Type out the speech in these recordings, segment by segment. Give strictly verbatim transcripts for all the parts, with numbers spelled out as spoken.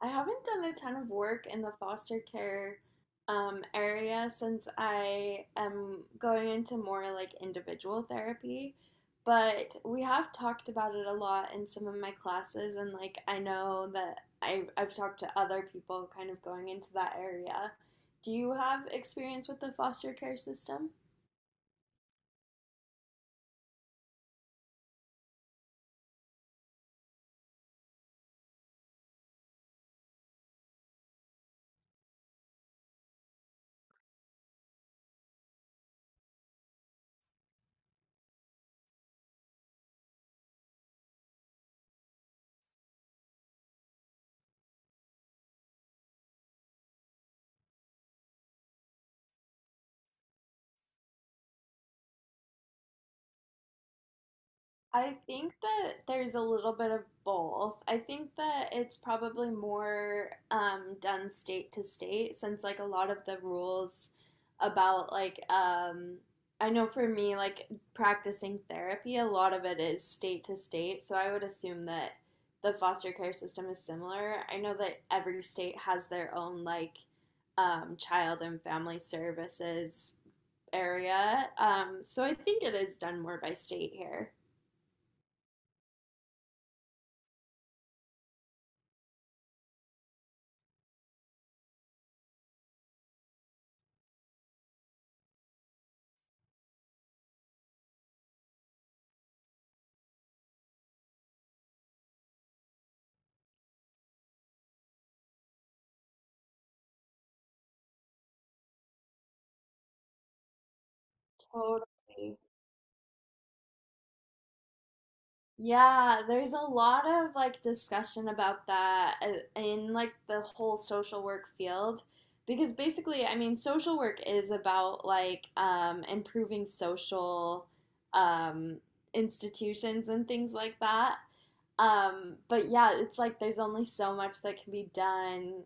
I haven't done a ton of work in the foster care um, area since I am going into more like individual therapy. But we have talked about it a lot in some of my classes, and like I know that I, I've talked to other people kind of going into that area. Do you have experience with the foster care system? I think that there's a little bit of both. I think that it's probably more um, done state to state since like a lot of the rules about like um, I know for me like practicing therapy, a lot of it is state to state. So I would assume that the foster care system is similar. I know that every state has their own like um, child and family services area. Um, so I think it is done more by state here. Totally. Yeah, there's a lot of like discussion about that uh, in like the whole social work field because basically, I mean, social work is about like um improving social um institutions and things like that. Um, but yeah, it's like there's only so much that can be done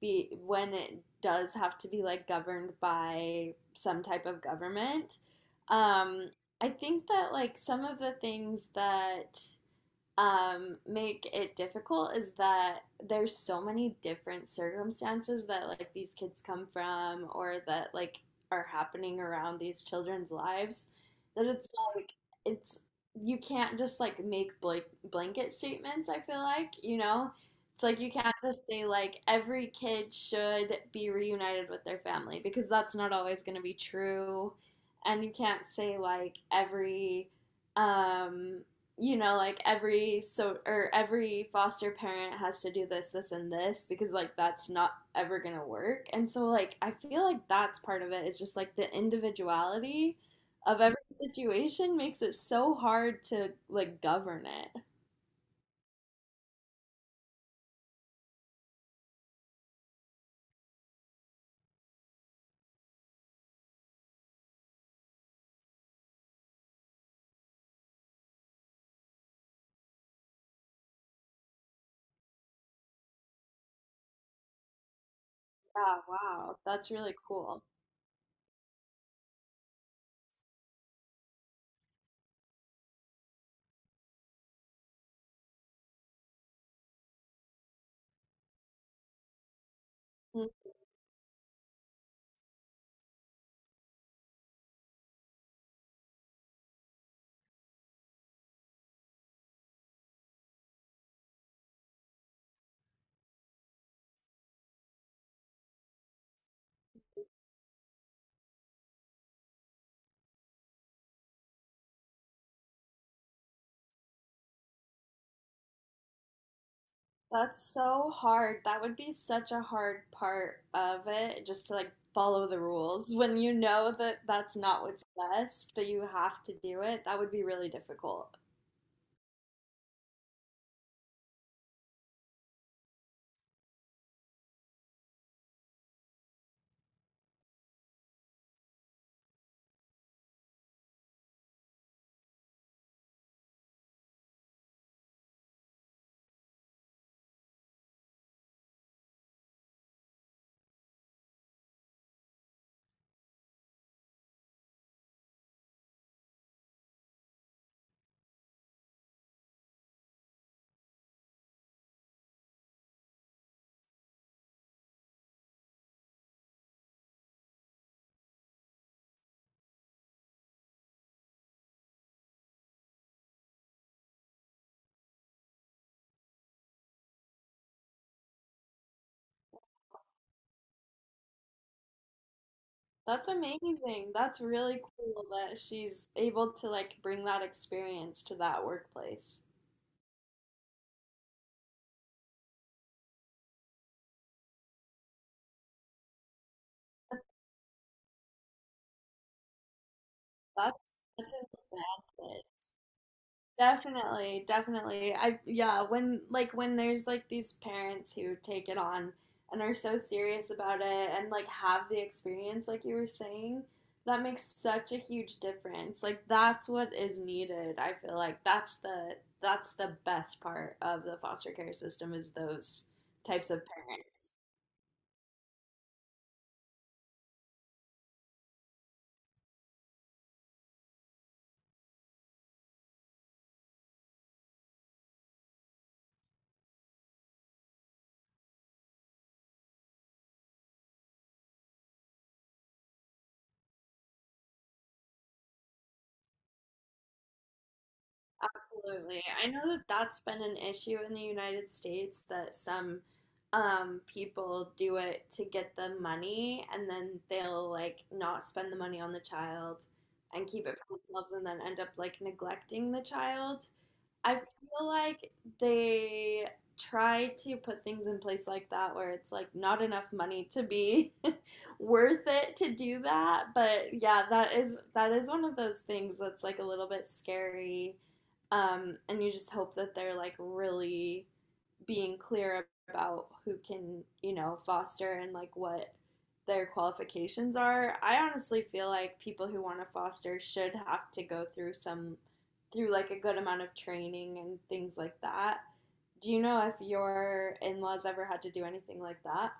be when it does have to be like governed by some type of government. Um, I think that like some of the things that um, make it difficult is that there's so many different circumstances that like these kids come from or that like are happening around these children's lives that it's like it's you can't just like make blank blanket statements, I feel like, you know, it's like you can't just say like every kid should be reunited with their family because that's not always going to be true, and you can't say like every um you know, like every so or every foster parent has to do this, this, and this because like that's not ever gonna work. And so like I feel like that's part of it is just like the individuality of every situation makes it so hard to like govern it. Yeah, wow, that's really cool. Mm. That's so hard. That would be such a hard part of it, just to like follow the rules when you know that that's not what's best, but you have to do it. That would be really difficult. That's amazing. That's really cool that she's able to like bring that experience to that workplace. That's such a bad thing. Definitely, definitely. I Yeah, when like when there's like these parents who take it on and are so serious about it and like have the experience like you were saying, that makes such a huge difference. Like that's what is needed. I feel like that's the that's the best part of the foster care system is those types of parents. Absolutely. I know that that's been an issue in the United States that some um, people do it to get the money and then they'll like not spend the money on the child and keep it for themselves and then end up like neglecting the child. I feel like they try to put things in place like that where it's like not enough money to be worth it to do that. But yeah, that is that is one of those things that's like a little bit scary. Um, and you just hope that they're like really being clear about who can, you know, foster and like what their qualifications are. I honestly feel like people who want to foster should have to go through some through like a good amount of training and things like that. Do you know if your in-laws ever had to do anything like that?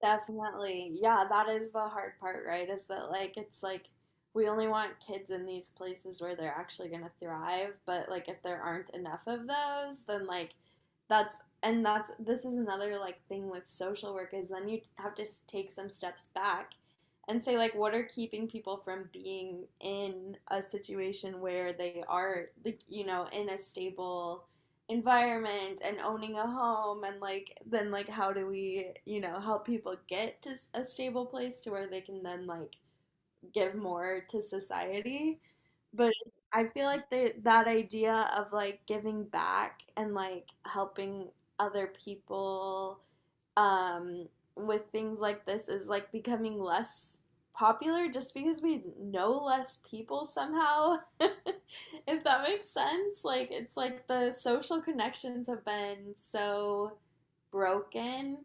Definitely. Yeah, that is the hard part, right? Is that like it's like we only want kids in these places where they're actually going to thrive, but like if there aren't enough of those, then like that's and that's, this is another like thing with social work is then you t- have to s- take some steps back and say like what are keeping people from being in a situation where they are, like, you know, in a stable environment and owning a home, and like then like how do we, you know, help people get to a stable place to where they can then like give more to society, but I feel like the, that idea of like giving back and like helping other people um, with things like this is like becoming less popular just because we know less people somehow, if that makes sense. Like it's like the social connections have been so broken uh,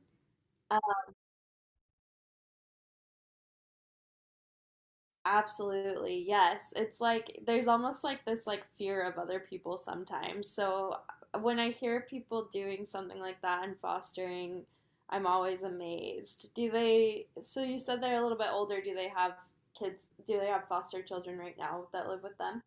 Absolutely. Yes. It's like there's almost like this like fear of other people sometimes. So uh, when I hear people doing something like that and fostering, I'm always amazed. Do they, so you said they're a little bit older. Do they have kids? Do they have foster children right now that live with them?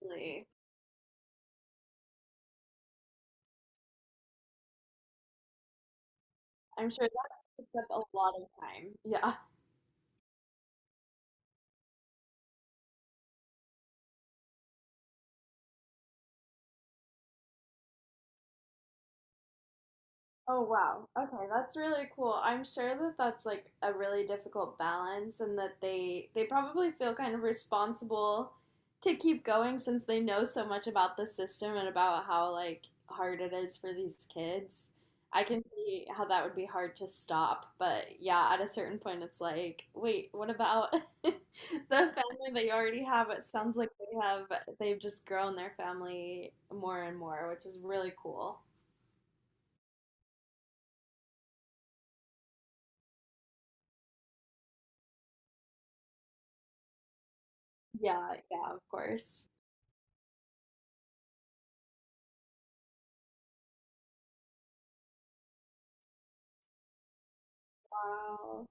Really? I'm sure that takes up a lot of time. Yeah. Oh wow. Okay, that's really cool. I'm sure that that's like a really difficult balance and that they they probably feel kind of responsible to keep going since they know so much about the system and about how like hard it is for these kids. I can see how that would be hard to stop, but yeah, at a certain point it's like, wait, what about the family that you already have? It sounds like they have they've just grown their family more and more, which is really cool. Yeah, yeah, of course. Wow.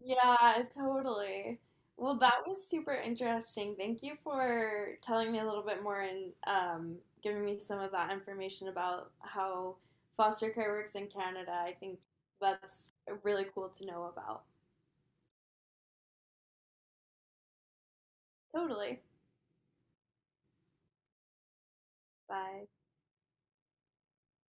Yeah, totally. Well, that was super interesting. Thank you for telling me a little bit more and um, giving me some of that information about how foster care works in Canada. I think that's really cool to know about. Totally. Bye.